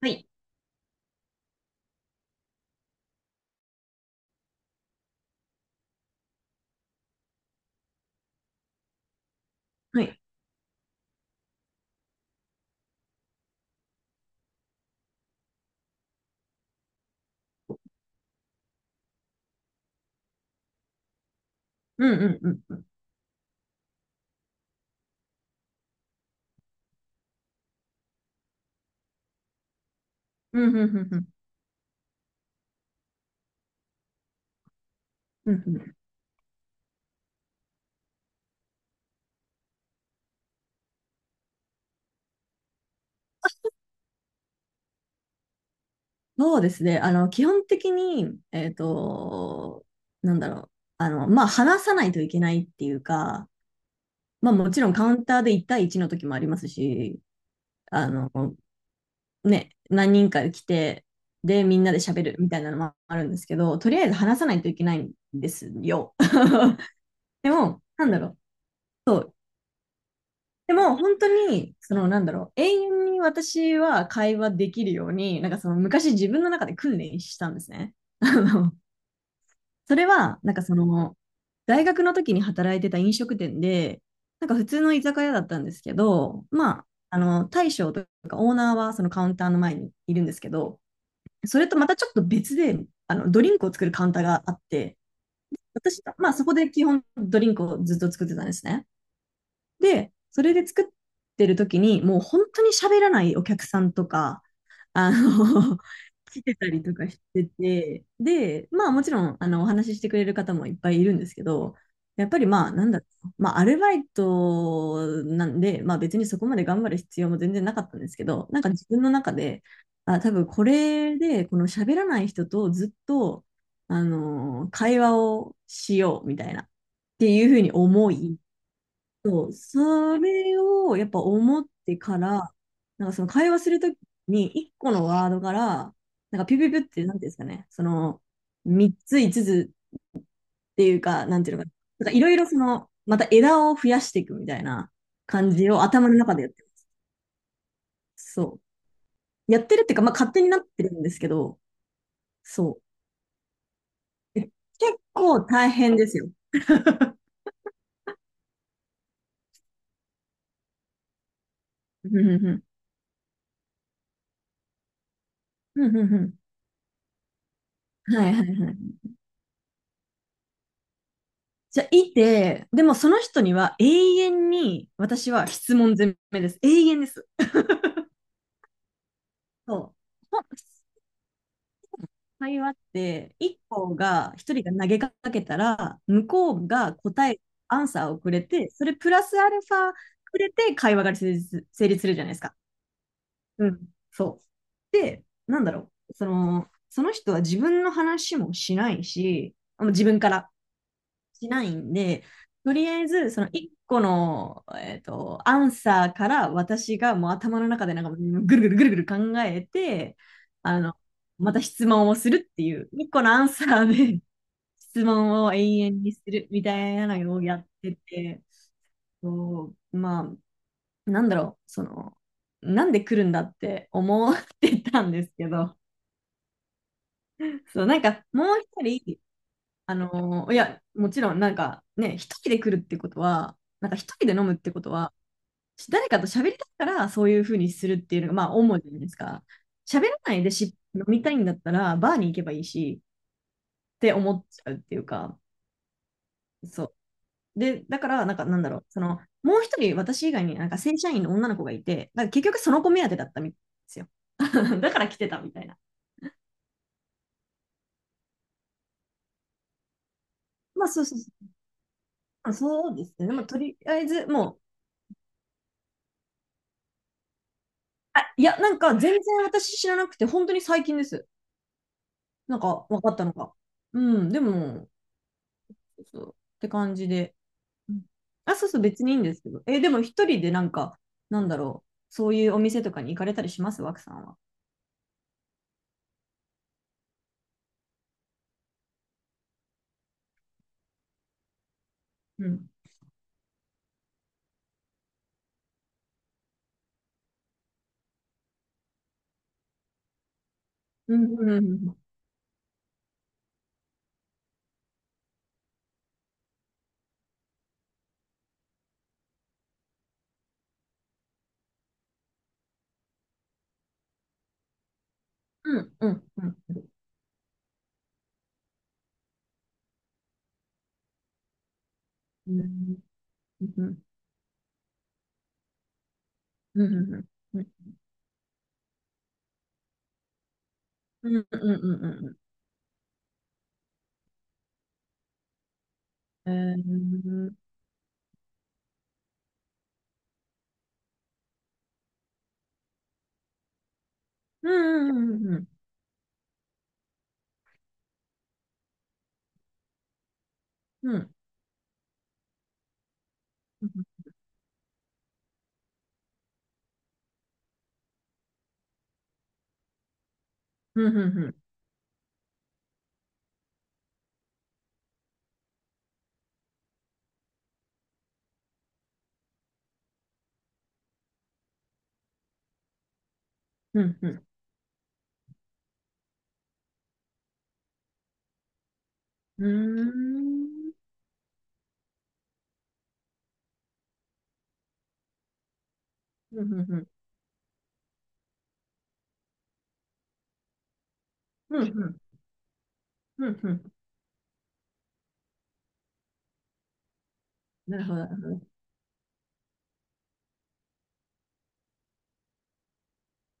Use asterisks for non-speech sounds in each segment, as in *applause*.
はい。はい。うんうんうんうん。うんうんうんうん。うん、そうですね。基本的に、なんだろう。まあ、話さないといけないっていうか、まあ、もちろんカウンターで1対1の時もありますし、あの、ね、何人か来て、で、みんなで喋るみたいなのもあるんですけど、とりあえず話さないといけないんですよ。*laughs* でも、なんだろう。でも本当に、なんだろう、永遠に私は会話できるように、なんかその昔自分の中で訓練したんですね。*laughs* あのそれは、大学の時に働いてた飲食店で、なんか普通の居酒屋だったんですけど、まあ、大将とかオーナーはそのカウンターの前にいるんですけど、それとまたちょっと別で、ドリンクを作るカウンターがあって、私、まあそこで基本ドリンクをずっと作ってたんですね。で、それで作ってる時に、もう本当に喋らないお客さんとか、あの、*laughs* 来てたりとかしてて、で、まあもちろん、お話ししてくれる方もいっぱいいるんですけど、やっぱりまあ、なんだろう、まあ、アルバイトなんで、まあ別にそこまで頑張る必要も全然なかったんですけど、なんか自分の中で、あ、多分これで、この喋らない人とずっと、会話をしようみたいな、っていうふうに思い、そう、それをやっぱ思ってから、なんかその会話するときに、一個のワードから、なんかピュピュピュって、なんていうんですかね、三つ、五つっていうか、なんていうのかな、なんかいろいろまた枝を増やしていくみたいな感じを頭の中でやってる。そう。やってるっていうか、まあ勝手になってるんですけど、そう。え結構大変ですよ。うんうんうん。うんうんうん。はいはいはい。じゃあ、いて、でもその人には永遠に私は質問攻めです。永遠です。そう。ほん会話って、一人が投げかけたら、向こうが答え、アンサーをくれて、それプラスアルファくれて会話が成立するじゃないですか。うん。そう。で、なんだろう。その人は自分の話もしないし、自分からしないんで、とりあえず、その1個の、アンサーから私がもう頭の中でなんかぐるぐるぐるぐる考えて、あの、また質問をするっていう、1個のアンサーで *laughs* 質問を永遠にするみたいなのをやってて、そうまあ、なんだろう、なんで来るんだって思ってたんですけど、そう、なんかもう一人、いや、もちろん、なんかね、一人で来るってことは、なんか一人で飲むってことは、誰かと喋りたいからそういうふうにするっていうのが、まあ、主じゃないですか。喋らないで飲みたいんだったら、バーに行けばいいし、って思っちゃうっていうか、そう。で、だから、なんか、なんだろう、もう一人、私以外になんか正社員の女の子がいて、なんか結局その子目当てだったみたいんですよ。*laughs* だから来てたみたいな。まあ、そうそうそう。まあそうですね。まあ、とりあえず、もう、あ、いや、なんか全然私知らなくて、本当に最近です。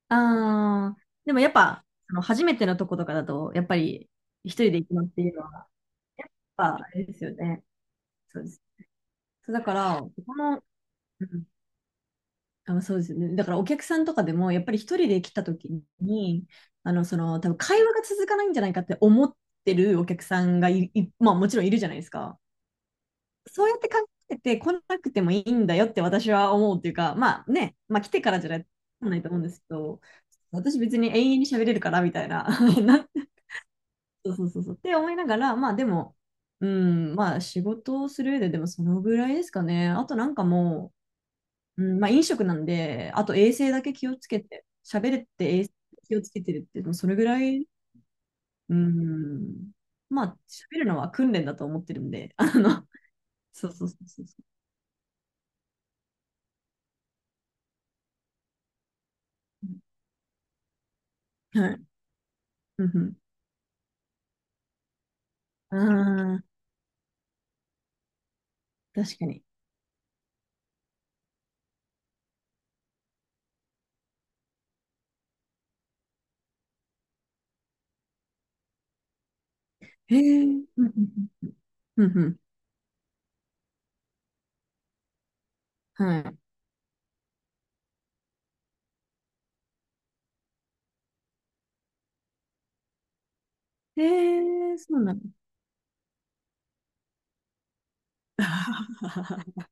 ああ、でもやっぱ、初めてのとことかだと、やっぱり一人で行くのっていうのは、やっぱあれですよね。そうです。そうだから、うん、あ、そうですよね。だからお客さんとかでも、やっぱり一人で来た時に、多分会話が続かないんじゃないかって思ってるお客さんがい、まあもちろんいるじゃないですか。そうやって考えて来なくてもいいんだよって私は思うっていうか、まあね、まあ来てからじゃないと思うんですけど、私別に永遠に喋れるからみたいな、*laughs* なんそうそうそうそう。って思いながら、まあでも、うん、まあ仕事をする上ででもそのぐらいですかね。あとなんかもう、うん、まあ飲食なんで、あと衛生だけ気をつけて、喋れって衛生気をつけてるって、もうそれぐらい、うん、まあ喋るのは訓練だと思ってるんで、そうそうそうそうそう。はい。うんうん。ああ、確かに。へえ、うんうんうん。うんうん。はい。へえ、そうなの。*laughs*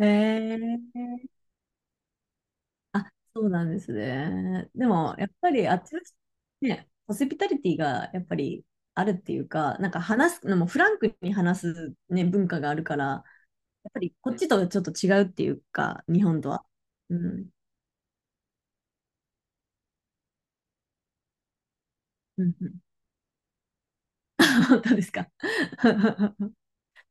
へえ。あ、そうなんですね。でも、やっぱりあっちの人ね、ホスピタリティがやっぱりあるっていうか、なんか話すのもフランクに話す、ね、文化があるから、やっぱりこっちとちょっと違うっていうか、日本とは。うん。うん、うん。 *laughs* 本当ですか。*laughs*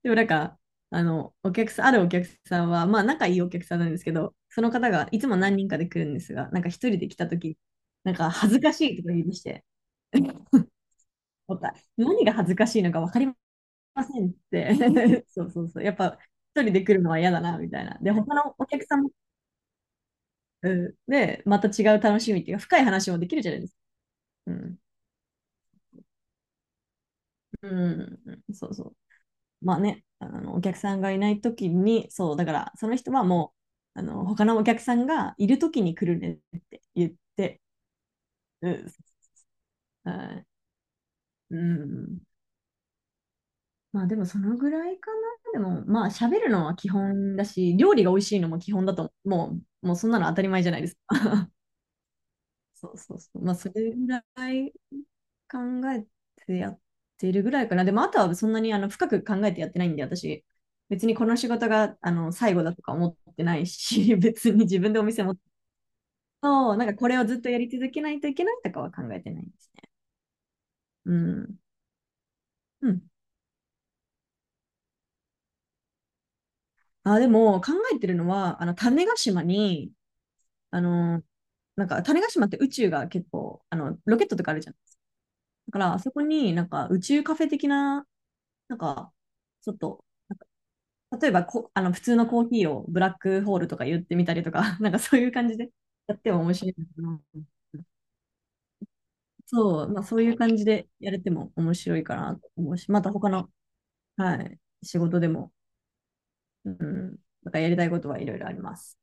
でもなんか、お客さん、あるお客さんは、まあ仲いいお客さんなんですけど、その方がいつも何人かで来るんですが、なんか一人で来た時なんか恥ずかしいとか言いまして、思った何が恥ずかしいのか分かりませんって。*laughs* そうそうそう。やっぱ一人で来るのは嫌だな、みたいな。で、他のお客さんも、うん、で、また違う楽しみっていうか、深い話もできるじゃないですか。うん。うん。そうそう。まあね、お客さんがいないときに、そう、だから、その人はもう、他のお客さんがいるときに来るねって言って、うん。はい。うん。まあでもそのぐらいかな。でもまあ喋るのは基本だし、料理が美味しいのも基本だと、もうそんなの当たり前じゃないです。そうそうそう。まあ、それぐらい考えてやってるぐらいかな。でも、あとはそんなに深く考えてやってないんで、私、別にこの仕事が最後だとか思ってないし、*laughs* 別に自分でお店持ってそうなんかこれをずっとやり続けないといけないとかは考えてないんですね。うん。うん。あ、でも、考えてるのは、種子島に、あの、なんか種子島って宇宙が結構、ロケットとかあるじゃん。だから、あそこになんか宇宙カフェ的な、なんか、ちょっと例えばこ、あの、普通のコーヒーをブラックホールとか言ってみたりとか、*laughs* なんかそういう感じでやっても面白いのかな。そう、まあそういう感じでやれても面白いかなと思うし、また他の、はい、仕事でも、うん、なんかやりたいことはいろいろあります。